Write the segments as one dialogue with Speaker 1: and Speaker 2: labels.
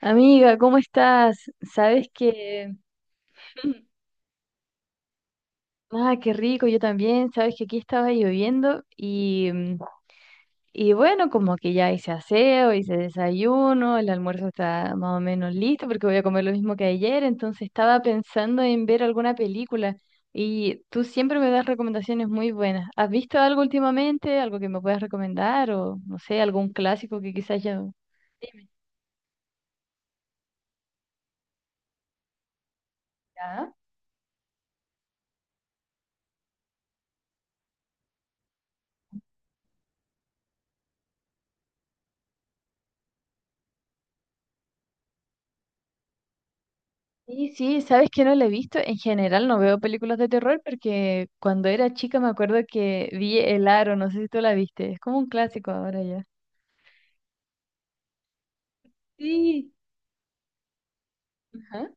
Speaker 1: Amiga, ¿cómo estás? Sabes que... Ah, qué rico, yo también. Sabes que aquí estaba lloviendo y bueno, como que ya hice aseo, hice desayuno, el almuerzo está más o menos listo porque voy a comer lo mismo que ayer, entonces estaba pensando en ver alguna película y tú siempre me das recomendaciones muy buenas. ¿Has visto algo últimamente? ¿Algo que me puedas recomendar o no sé, algún clásico que quizás ya... Dime. ¿Ya? Sí, sí, sabes que no la he visto. En general no veo películas de terror porque cuando era chica me acuerdo que vi El Aro, no sé si tú la viste. Es como un clásico ahora ya. Sí. Ajá.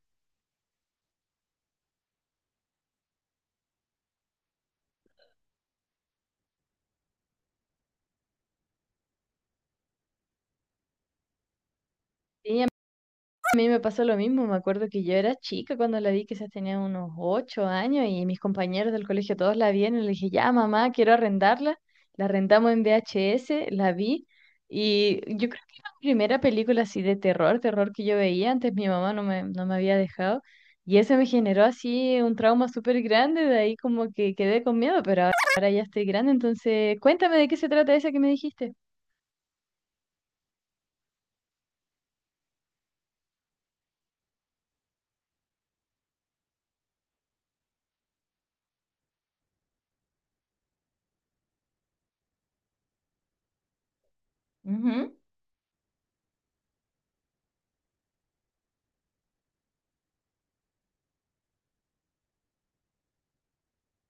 Speaker 1: Sí, a mí me pasó lo mismo, me acuerdo que yo era chica cuando la vi, quizás tenía unos 8 años y mis compañeros del colegio todos la vieron y le dije, ya mamá, quiero arrendarla. La arrendamos en VHS, la vi y yo creo que era la primera película así de terror, terror que yo veía, antes mi mamá no me había dejado y eso me generó así un trauma súper grande, de ahí como que quedé con miedo, pero ahora, ahora ya estoy grande, entonces cuéntame de qué se trata esa que me dijiste. Ujú.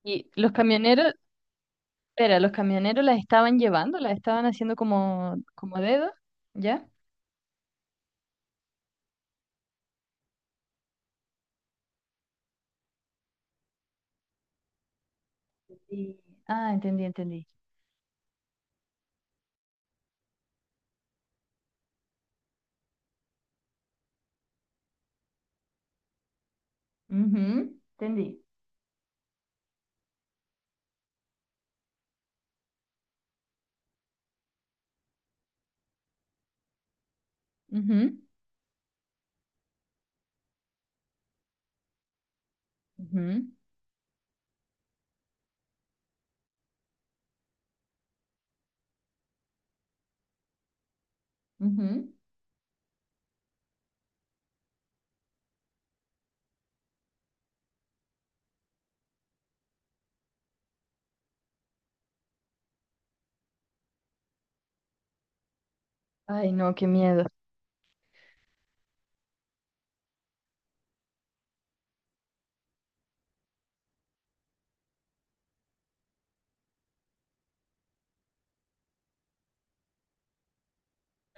Speaker 1: Y los camioneros, Pero los camioneros las estaban llevando, las estaban haciendo como dedo, ¿ya? Y- Ah, entendí, entendí. Ujú, entendí. Ujú, ujú, ujú. Ay, no, qué miedo.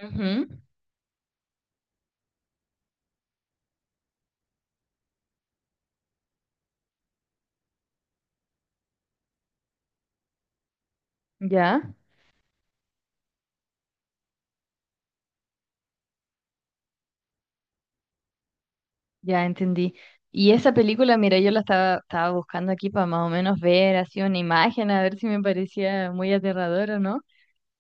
Speaker 1: Ujú, ya, ya entendí. Y esa película, mira, yo la estaba buscando aquí para más o menos ver así una imagen, a ver si me parecía muy aterradora, ¿no?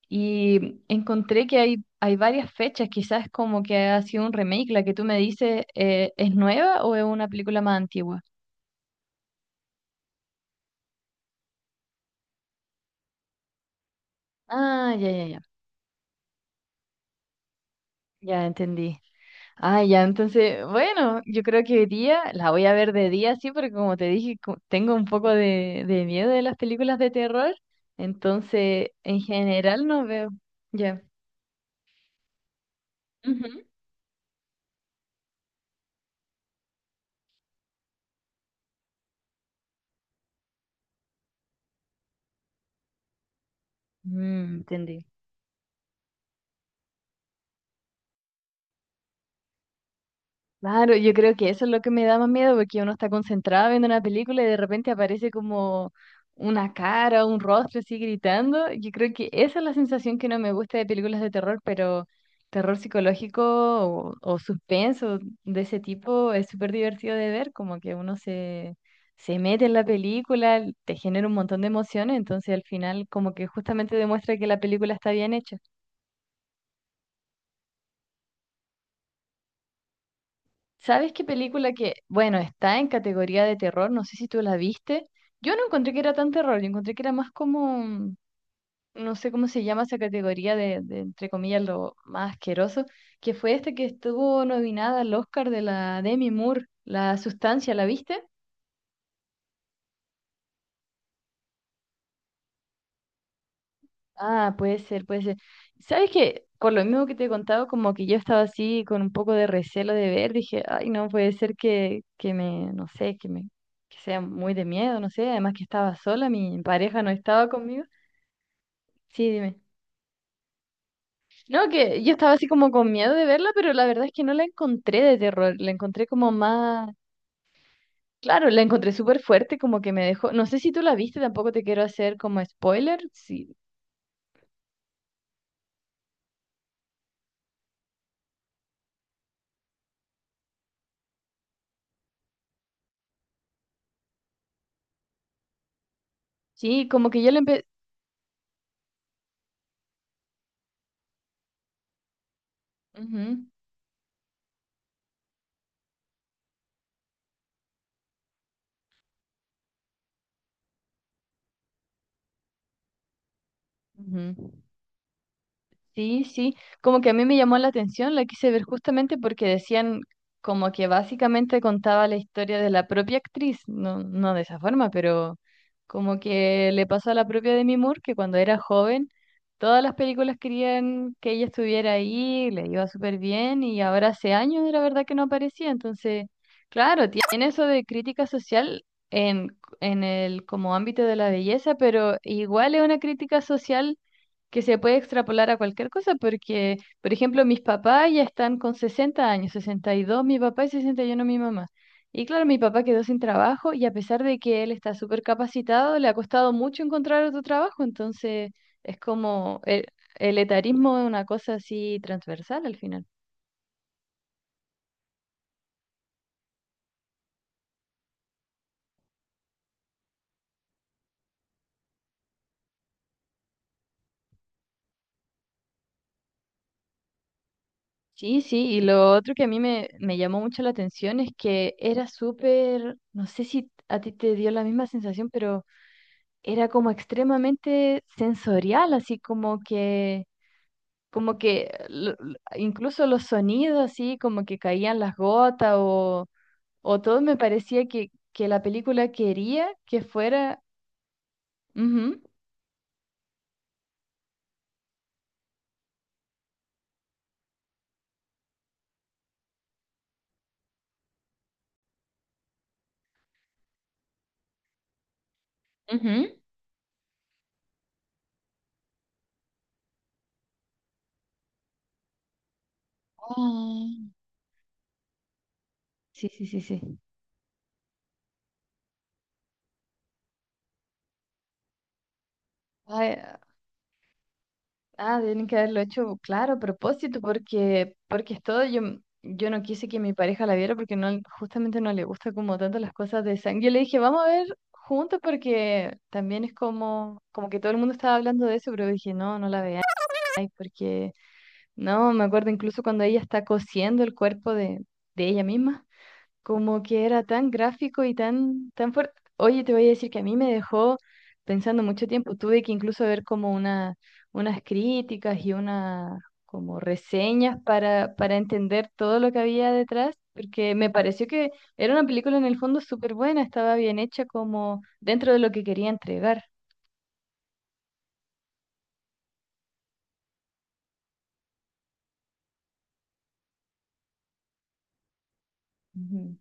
Speaker 1: Y encontré que hay varias fechas, quizás como que ha sido un remake, la que tú me dices, ¿es nueva o es una película más antigua? Ah, ya, ya, ya, ya entendí. Ah, ya, entonces, bueno, yo creo que hoy día la voy a ver de día, sí, porque como te dije, tengo un poco de miedo de las películas de terror, entonces en general no veo. Ya. Ujú. Mm, entendí. Claro, yo creo que eso es lo que me da más miedo, porque uno está concentrado viendo una película y de repente aparece como una cara, un rostro así gritando. Yo creo que esa es la sensación que no me gusta de películas de terror, pero terror psicológico o suspenso de ese tipo es súper divertido de ver, como que uno se, se mete en la película, te genera un montón de emociones, entonces al final como que justamente demuestra que la película está bien hecha. ¿Sabes qué película que, bueno, está en categoría de terror? No sé si tú la viste. Yo no encontré que era tan terror, yo encontré que era más como, no sé cómo se llama esa categoría de, entre comillas, lo más asqueroso, que fue este que estuvo nominada al Oscar de la Demi Moore, La Sustancia, ¿la viste? Ah, puede ser, puede ser. ¿Sabes qué? Por lo mismo que te he contado, como que yo estaba así con un poco de recelo de ver, dije, ay, no puede ser que me, no sé, que me, que sea muy de miedo, no sé, además que estaba sola, mi pareja no estaba conmigo. Sí, dime. No, que yo estaba así como con miedo de verla, pero la verdad es que no la encontré de terror, la encontré como más, claro, la encontré súper fuerte, como que me dejó, no sé si tú la viste, tampoco te quiero hacer como spoiler, sí, sí, como que yo la empecé... Sí, sí, como que a mí me llamó la atención, la quise ver justamente porque decían como que básicamente contaba la historia de la propia actriz, no, no de esa forma, pero como que le pasó a la propia Demi Moore que cuando era joven todas las películas querían que ella estuviera ahí, le iba súper bien y ahora hace años la verdad que no aparecía, entonces, claro, tiene eso de crítica social en el como ámbito de la belleza, pero igual es una crítica social que se puede extrapolar a cualquier cosa, porque, por ejemplo, mis papás ya están con 60 años, 62 mi papá y 61 mi mamá. Y claro, mi papá quedó sin trabajo y a pesar de que él está súper capacitado, le ha costado mucho encontrar otro trabajo, entonces es como el, etarismo es una cosa así transversal al final. Sí, sí, y lo otro que a mí me llamó mucho la atención es que era súper, no sé si a ti te dio la misma sensación, pero era como extremadamente sensorial, así como que incluso los sonidos, así como que caían las gotas o todo me parecía que la película quería que fuera... Ujú, ujú. Ah, sí, sí, sí, sí. Ay, ah, tienen que haberlo hecho, claro, a propósito, porque, es todo. Yo no quise que mi pareja la viera porque no, justamente no le gusta como tanto las cosas de sangre. Yo le dije, vamos a ver juntos porque también es como, como que todo el mundo estaba hablando de eso, pero dije, no, no la veáis, porque no, me acuerdo incluso cuando ella está cosiendo el cuerpo de ella misma como que era tan gráfico y tan, tan fuerte. Oye, te voy a decir que a mí me dejó pensando mucho tiempo. Tuve que incluso ver como unas críticas y una como reseñas para entender todo lo que había detrás, porque me pareció que era una película en el fondo súper buena, estaba bien hecha como dentro de lo que quería entregar. Ujú.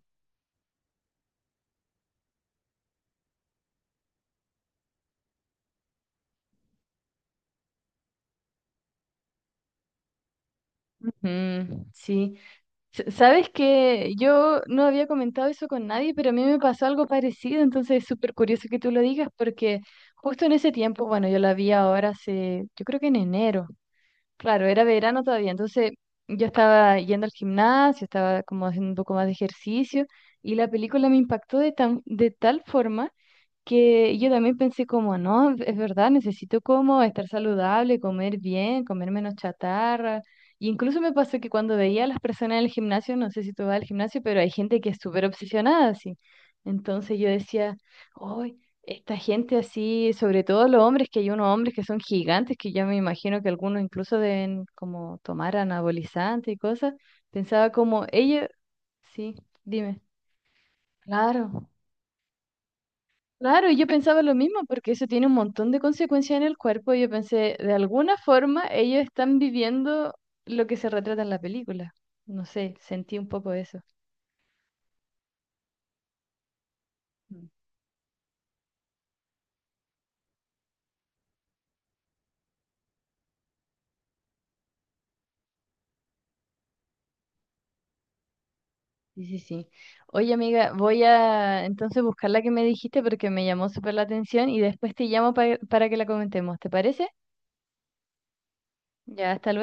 Speaker 1: Ujú, sí, sabes que yo no había comentado eso con nadie, pero a mí me pasó algo parecido, entonces es súper curioso que tú lo digas porque justo en ese tiempo, bueno, yo la vi ahora hace, yo creo que en enero, claro, era verano todavía, entonces yo estaba yendo al gimnasio, estaba como haciendo un poco más de ejercicio y la película me impactó de tal forma que yo también pensé como, no, es verdad, necesito como estar saludable, comer bien, comer menos chatarra. Y incluso me pasó que cuando veía a las personas en el gimnasio, no sé si tú vas al gimnasio, pero hay gente que es súper obsesionada así. Entonces yo decía, uy, esta gente así, sobre todo los hombres, que hay unos hombres que son gigantes, que yo me imagino que algunos incluso deben como tomar anabolizante y cosas. Pensaba como, ellos, sí, dime, claro. Claro, y yo pensaba lo mismo, porque eso tiene un montón de consecuencias en el cuerpo. Y yo pensé, de alguna forma, ellos están viviendo lo que se retrata en la película. No sé, sentí un poco eso. Mm. Sí, sí, sí. Oye, amiga, voy a entonces buscar la que me dijiste porque me llamó súper la atención y después te llamo para que la comentemos. ¿Te parece? Ya, hasta luego.